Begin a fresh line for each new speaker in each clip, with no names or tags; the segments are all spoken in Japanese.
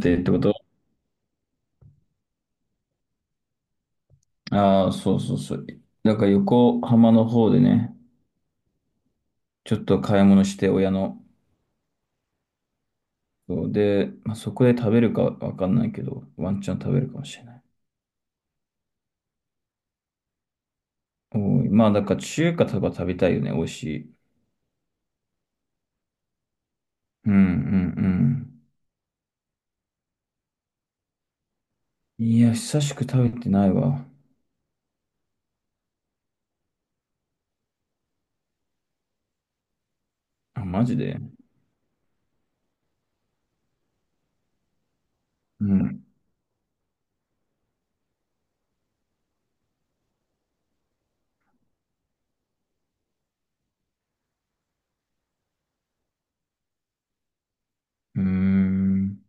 ってこと。ああー、そうそうそう。だから横浜の方でね、ちょっと買い物して親の。そうで、まあ、そこで食べるかわかんないけど、ワンチャン食べるかもしれない。おい、まあだから中華とか食べたいよね、美味しい。うんうんうん。いや、久しく食べてないわ。あ、マジで。うん。うーん。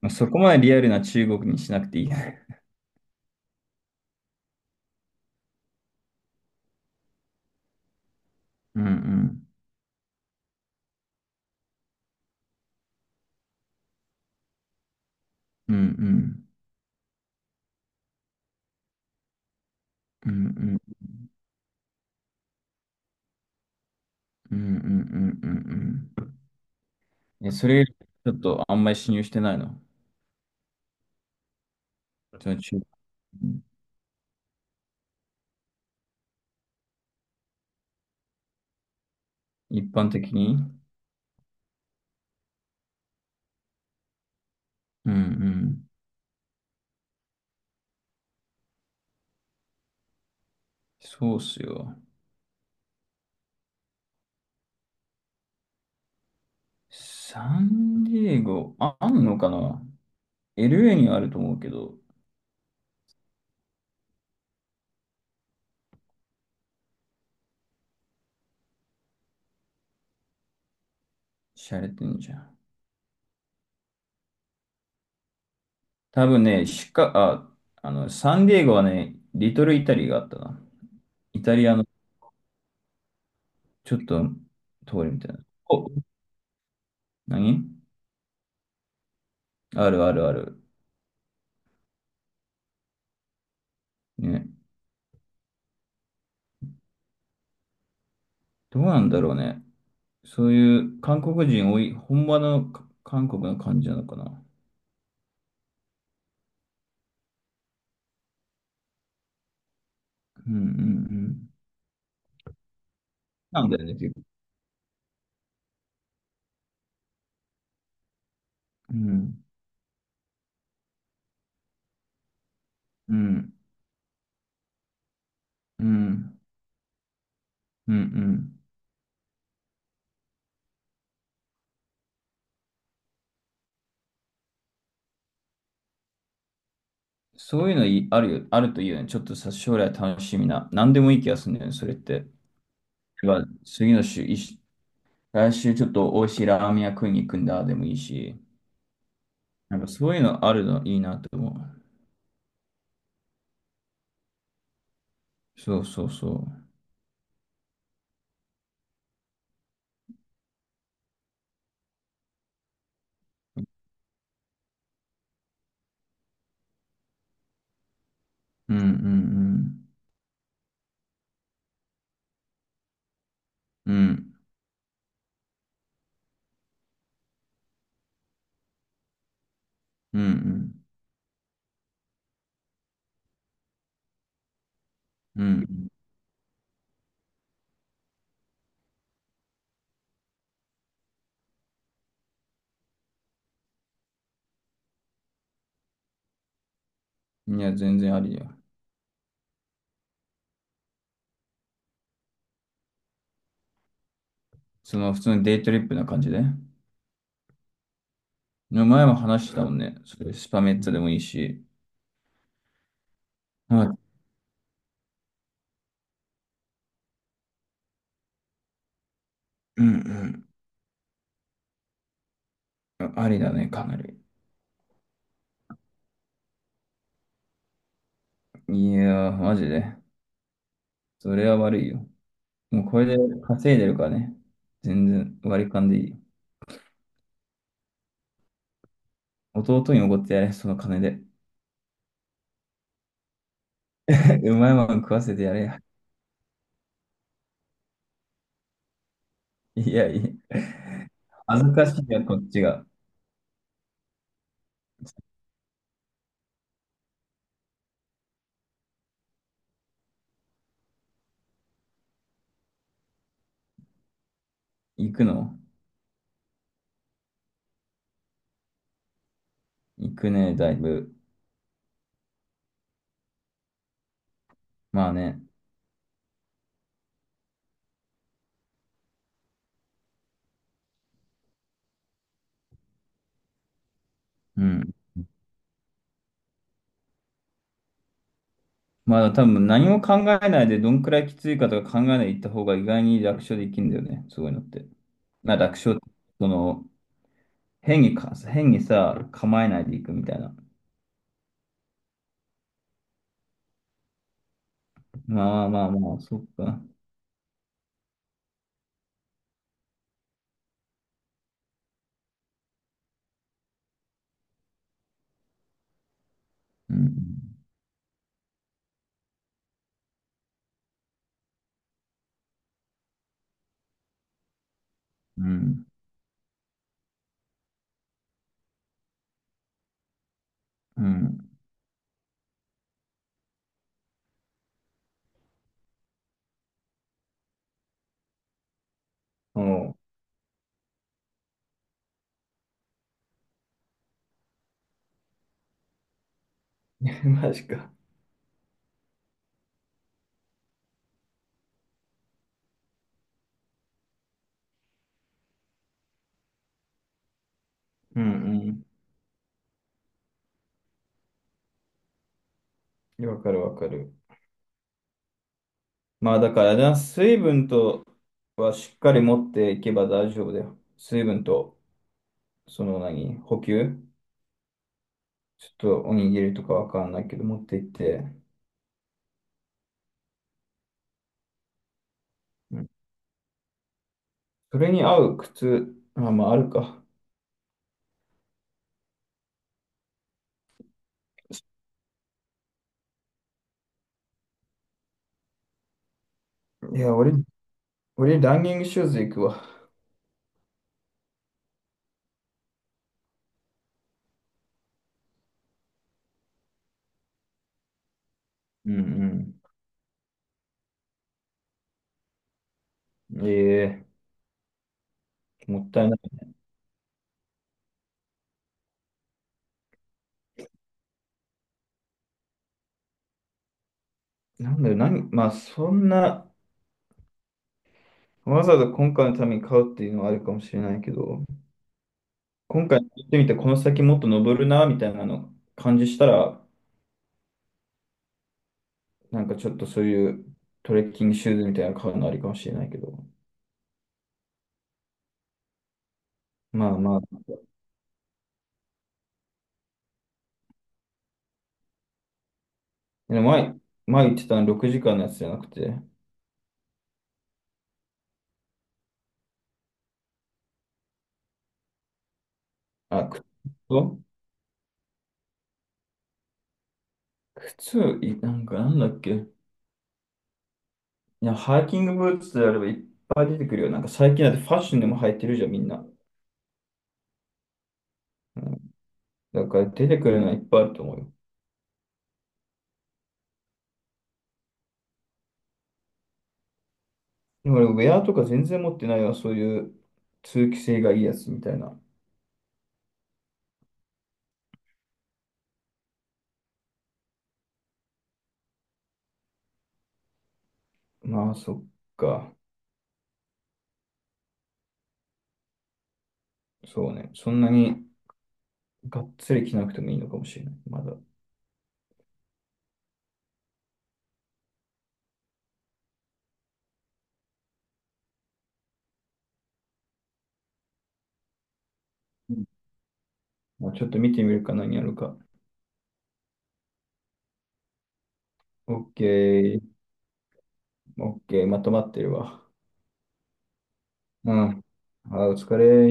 まあ、そこまでリアルな中国にしなくていいね。うんうん。うんうん。うんうん。うんうんうんうんうん。いや、それよりちょっとあんまり信用してないの。じゃあち一般的に。うんうん。そうっすよ。サンディエゴ、あ、あんのかな ?LA にはあると思うけど、しゃれてんじゃん。多分ね、シカ、あ、あの、サンディエゴはね、リトルイタリーがあったな。イタリアのちょっと通りみたいな。お、何あるあるある。ね。どうなんだろうね。そういう韓国人多い、本場のか韓国の感じなのかな。うんうんうん。なんだよね、結構。うん。うん、うん、うん、うん。そういうのあるよ、あるといいよね。ちょっとさ、将来楽しみな。何でもいい気がするんだよね、それって。が次の週、いし来週ちょっと美味しいラーメン屋食いに行くんだ、でもいいし。なんかそういうのあるのいいなと思う。そうそうそう。うん、うん、うん。うん、うん、うん。うん、いや、全然ありだよ。その普通のデイトリップな感じで。前も話してたもんね。それスパメッツァでもいいし。あ、うん、うん。ありだね、かなり。いやー、マジで。それは悪いよ。もうこれで稼いでるからね。全然割り勘でいいよ。弟におごってやれ、その金で。うまいもん食わせてやれや。いやいや。恥ずかしいや、こっちが。行くの行くね、だいぶ。まあね。うん。まだ多分何も考えないで、どんくらいきついかとか考えないで行った方が意外に楽勝できるんだよね。そういうのって。まあ楽勝、その、変にさ、構えないで行くみたいな。まあまあまあ、そっか。うん。うん。うん。おう。 マジか。うんうん。わかるわかる。まあだからな、水分とはしっかり持っていけば大丈夫だよ。水分と、その何、補給ちょっとおにぎりとかわかんないけど持っていって、うん。それに合う靴、あ、まああるか。いや、俺ランニングシューズ行くわ。うんうん。ええ、もったいない。なんだよ、何、まあそんな、わざわざ今回のために買うっていうのはあるかもしれないけど、今回行ってみて、この先もっと登るな、みたいなの感じしたら、なんかちょっとそういうトレッキングシューズみたいなの買うのありかもしれないけど。まあまあ。でも前言ってたの6時間のやつじゃなくて、あ、靴と靴、いなんかなんだっけ。いや、ハイキングブーツであればいっぱい出てくるよ。なんか最近だってファッションでも履いてるじゃん、みんな。うん。だから出てくるのはいっぱいあると思うよ。でも俺、ウェアとか全然持ってないわ、そういう通気性がいいやつみたいな。まあ、そっか。そうね。そんなにがっつり着なくてもいいのかもしれない。まだ。うん。まあ、ちょっと見てみるか何やるか。オッケー。オッケー。まとまってるわ。うん。あー、お疲れ。